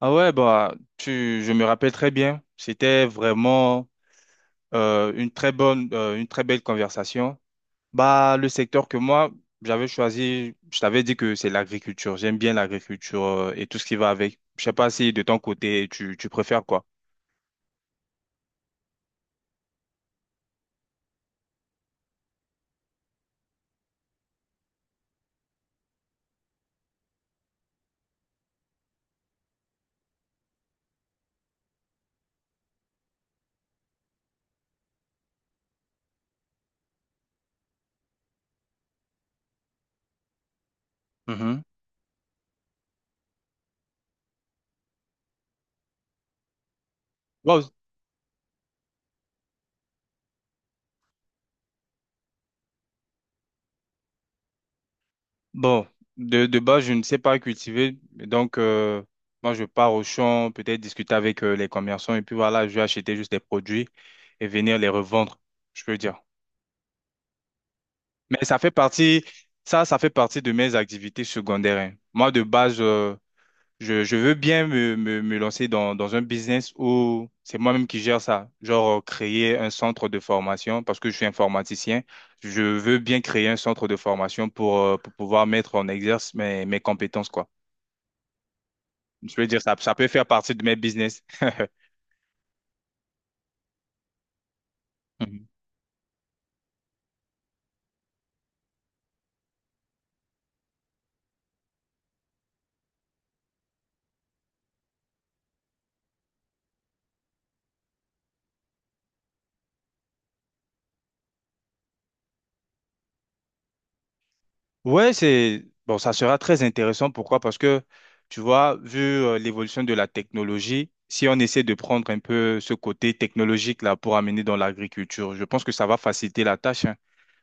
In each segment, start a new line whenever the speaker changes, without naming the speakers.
Ah ouais, bah, je me rappelle très bien. C'était vraiment une très bonne, une très belle conversation. Bah, le secteur que moi, j'avais choisi, je t'avais dit que c'est l'agriculture. J'aime bien l'agriculture et tout ce qui va avec. Je sais pas si de ton côté, tu préfères quoi? Mhm. Wow. Bon, de base, je ne sais pas cultiver. Moi, je pars au champ, peut-être discuter avec les commerçants. Et puis voilà, je vais acheter juste des produits et venir les revendre, je peux dire. Mais ça fait partie, ça fait partie de mes activités secondaires, hein. Moi, de base, je veux bien me lancer dans un business où c'est moi-même qui gère ça. Genre, créer un centre de formation, parce que je suis informaticien. Je veux bien créer un centre de formation pour pouvoir mettre en exerce mes compétences, quoi. Je veux dire, ça peut faire partie de mes business. Mhm. Ouais, c'est bon, ça sera très intéressant. Pourquoi? Parce que tu vois, vu l'évolution de la technologie, si on essaie de prendre un peu ce côté technologique là pour amener dans l'agriculture, je pense que ça va faciliter la tâche, hein.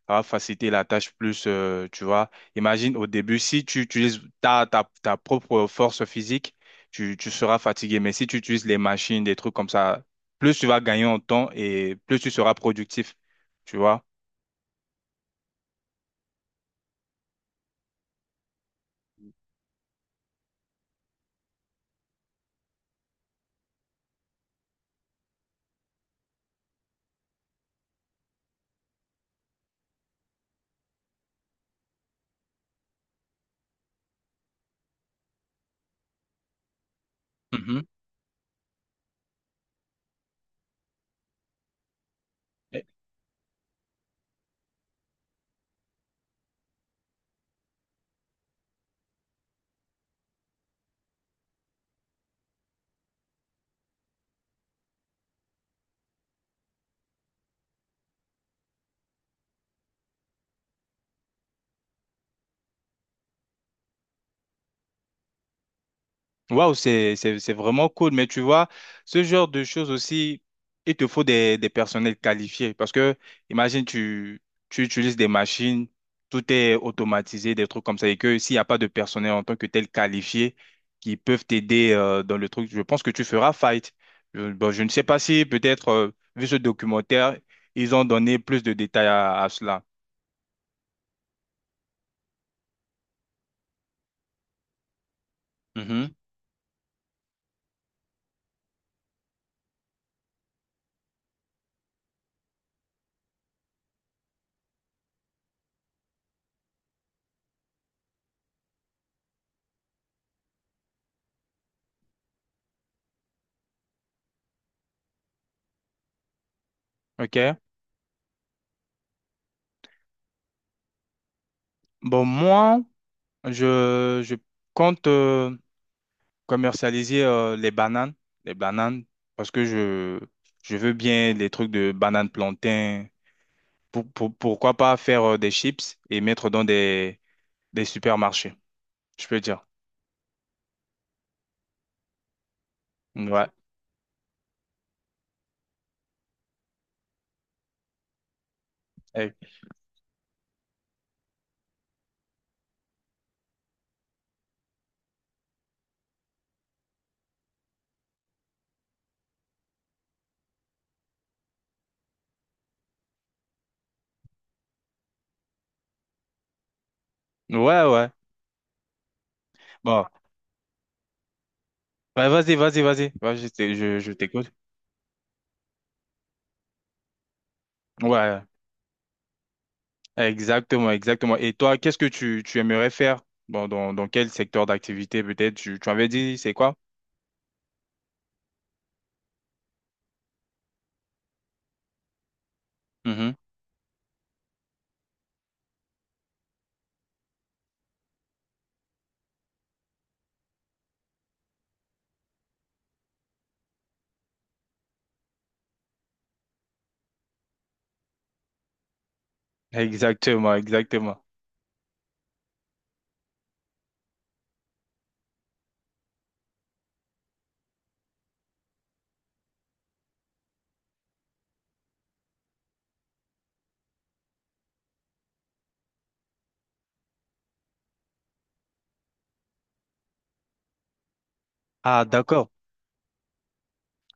Ça va faciliter la tâche plus, tu vois. Imagine au début, si tu utilises ta propre force physique, tu seras fatigué. Mais si tu utilises les machines, des trucs comme ça, plus tu vas gagner en temps et plus tu seras productif, tu vois. Mhm. Waouh, c'est vraiment cool. Mais tu vois, ce genre de choses aussi, il te faut des personnels qualifiés. Parce que, imagine, tu utilises des machines, tout est automatisé, des trucs comme ça. Et que s'il n'y a pas de personnel en tant que tel qualifié qui peuvent t'aider dans le truc, je pense que tu feras fight. Bon, je ne sais pas si, peut-être, vu ce documentaire, ils ont donné plus de détails à cela. Mhm. OK? Bon, moi, je compte commercialiser les bananes, les bananes, parce que je veux bien les trucs de bananes plantain. Pourquoi pas faire des chips et mettre dans des supermarchés, je peux dire. Ouais. Eh. Ouais, ouais. Bon. Ouais, vas-y. Je t'écoute. Ouais, exactement, exactement. Et toi, qu'est-ce que tu aimerais faire? Bon, dans quel secteur d'activité peut-être? Tu avais dit, c'est quoi? Mhm. Exactement, exactement. Ah, d'accord.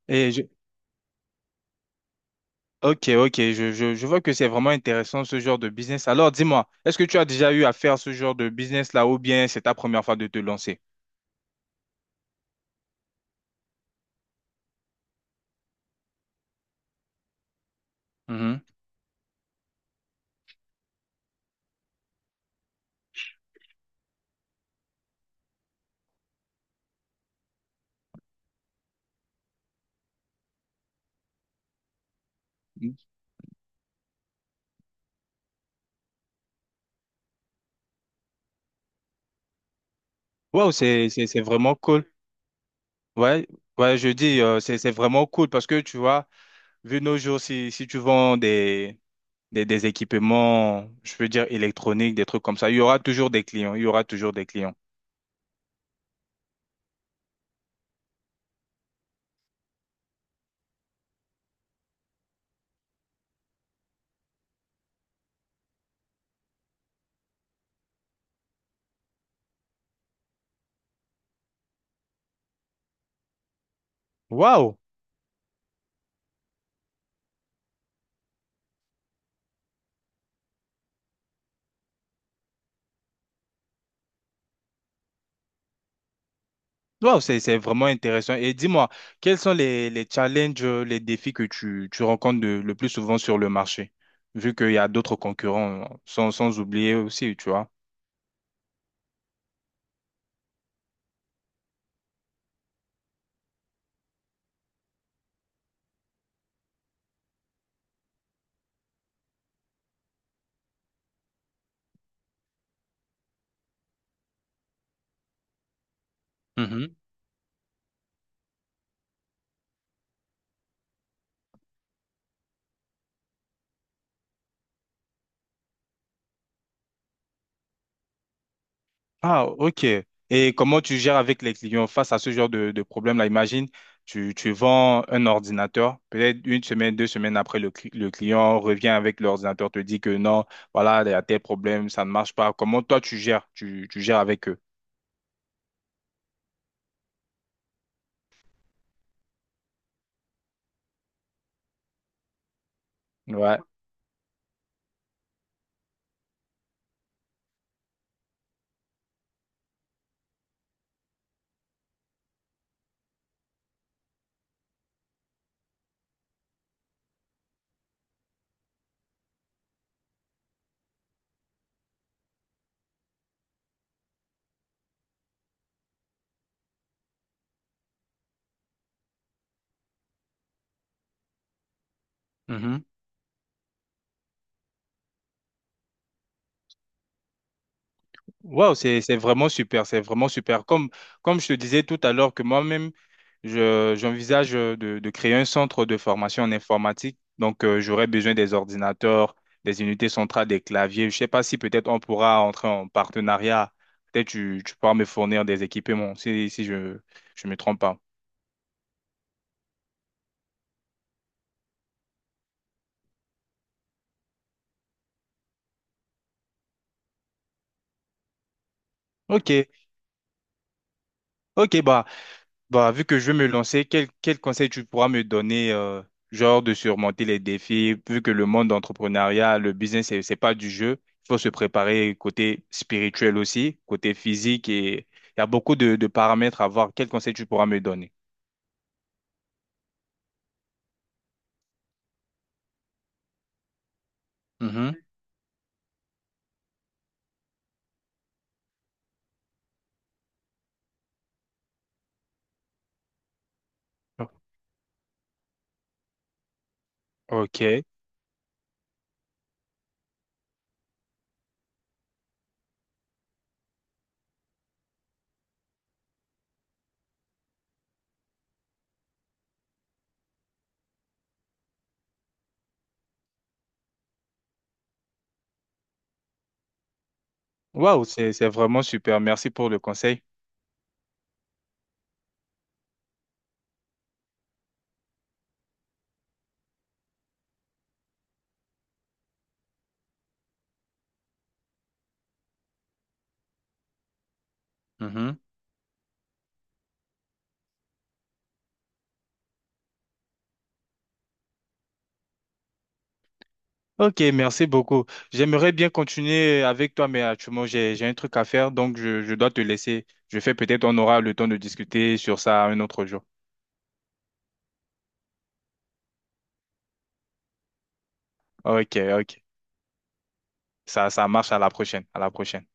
Et je, Ok, ok, je vois que c'est vraiment intéressant ce genre de business. Alors dis-moi, est-ce que tu as déjà eu à faire ce genre de business là ou bien c'est ta première fois de te lancer? Mhm. Wow, c'est vraiment cool. Ouais, ouais, je dis, c'est vraiment cool parce que tu vois, vu nos jours, si tu vends des équipements, je veux dire électroniques, des trucs comme ça, il y aura toujours des clients, il y aura toujours des clients. Waouh! Wow, c'est vraiment intéressant. Et dis-moi, quels sont les challenges, les défis que tu rencontres le plus souvent sur le marché, vu qu'il y a d'autres concurrents, hein, sans oublier aussi, tu vois. Mhm. Ah, ok. Et comment tu gères avec les clients face à ce genre de problème-là? Imagine, tu vends un ordinateur, peut-être une semaine, deux semaines après, le client revient avec l'ordinateur, te dit que non, voilà, il y a tel problème, ça ne marche pas. Comment toi tu gères? Tu gères avec eux? Ouais. Wow, c'est vraiment super, c'est vraiment super. Comme je te disais tout à l'heure que moi-même, je j'envisage de créer un centre de formation en informatique. Donc j'aurais besoin des ordinateurs, des unités centrales, des claviers. Je sais pas si peut-être on pourra entrer en partenariat. Peut-être tu pourras me fournir des équipements si je me trompe pas. Ok, ok bah. Bah, vu que je vais me lancer, quel conseil tu pourras me donner, genre de surmonter les défis, vu que le monde d'entrepreneuriat, le business, c'est pas du jeu. Il faut se préparer côté spirituel aussi, côté physique et il y a beaucoup de paramètres à voir. Quel conseil tu pourras me donner? Mhm. Ok. Waouh, c'est vraiment super. Merci pour le conseil. Mhm. Ok, merci beaucoup. J'aimerais bien continuer avec toi, mais actuellement, j'ai un truc à faire, donc je dois te laisser. Je fais peut-être, on aura le temps de discuter sur ça un autre jour. Ok, ok. Ça marche. À la prochaine. À la prochaine.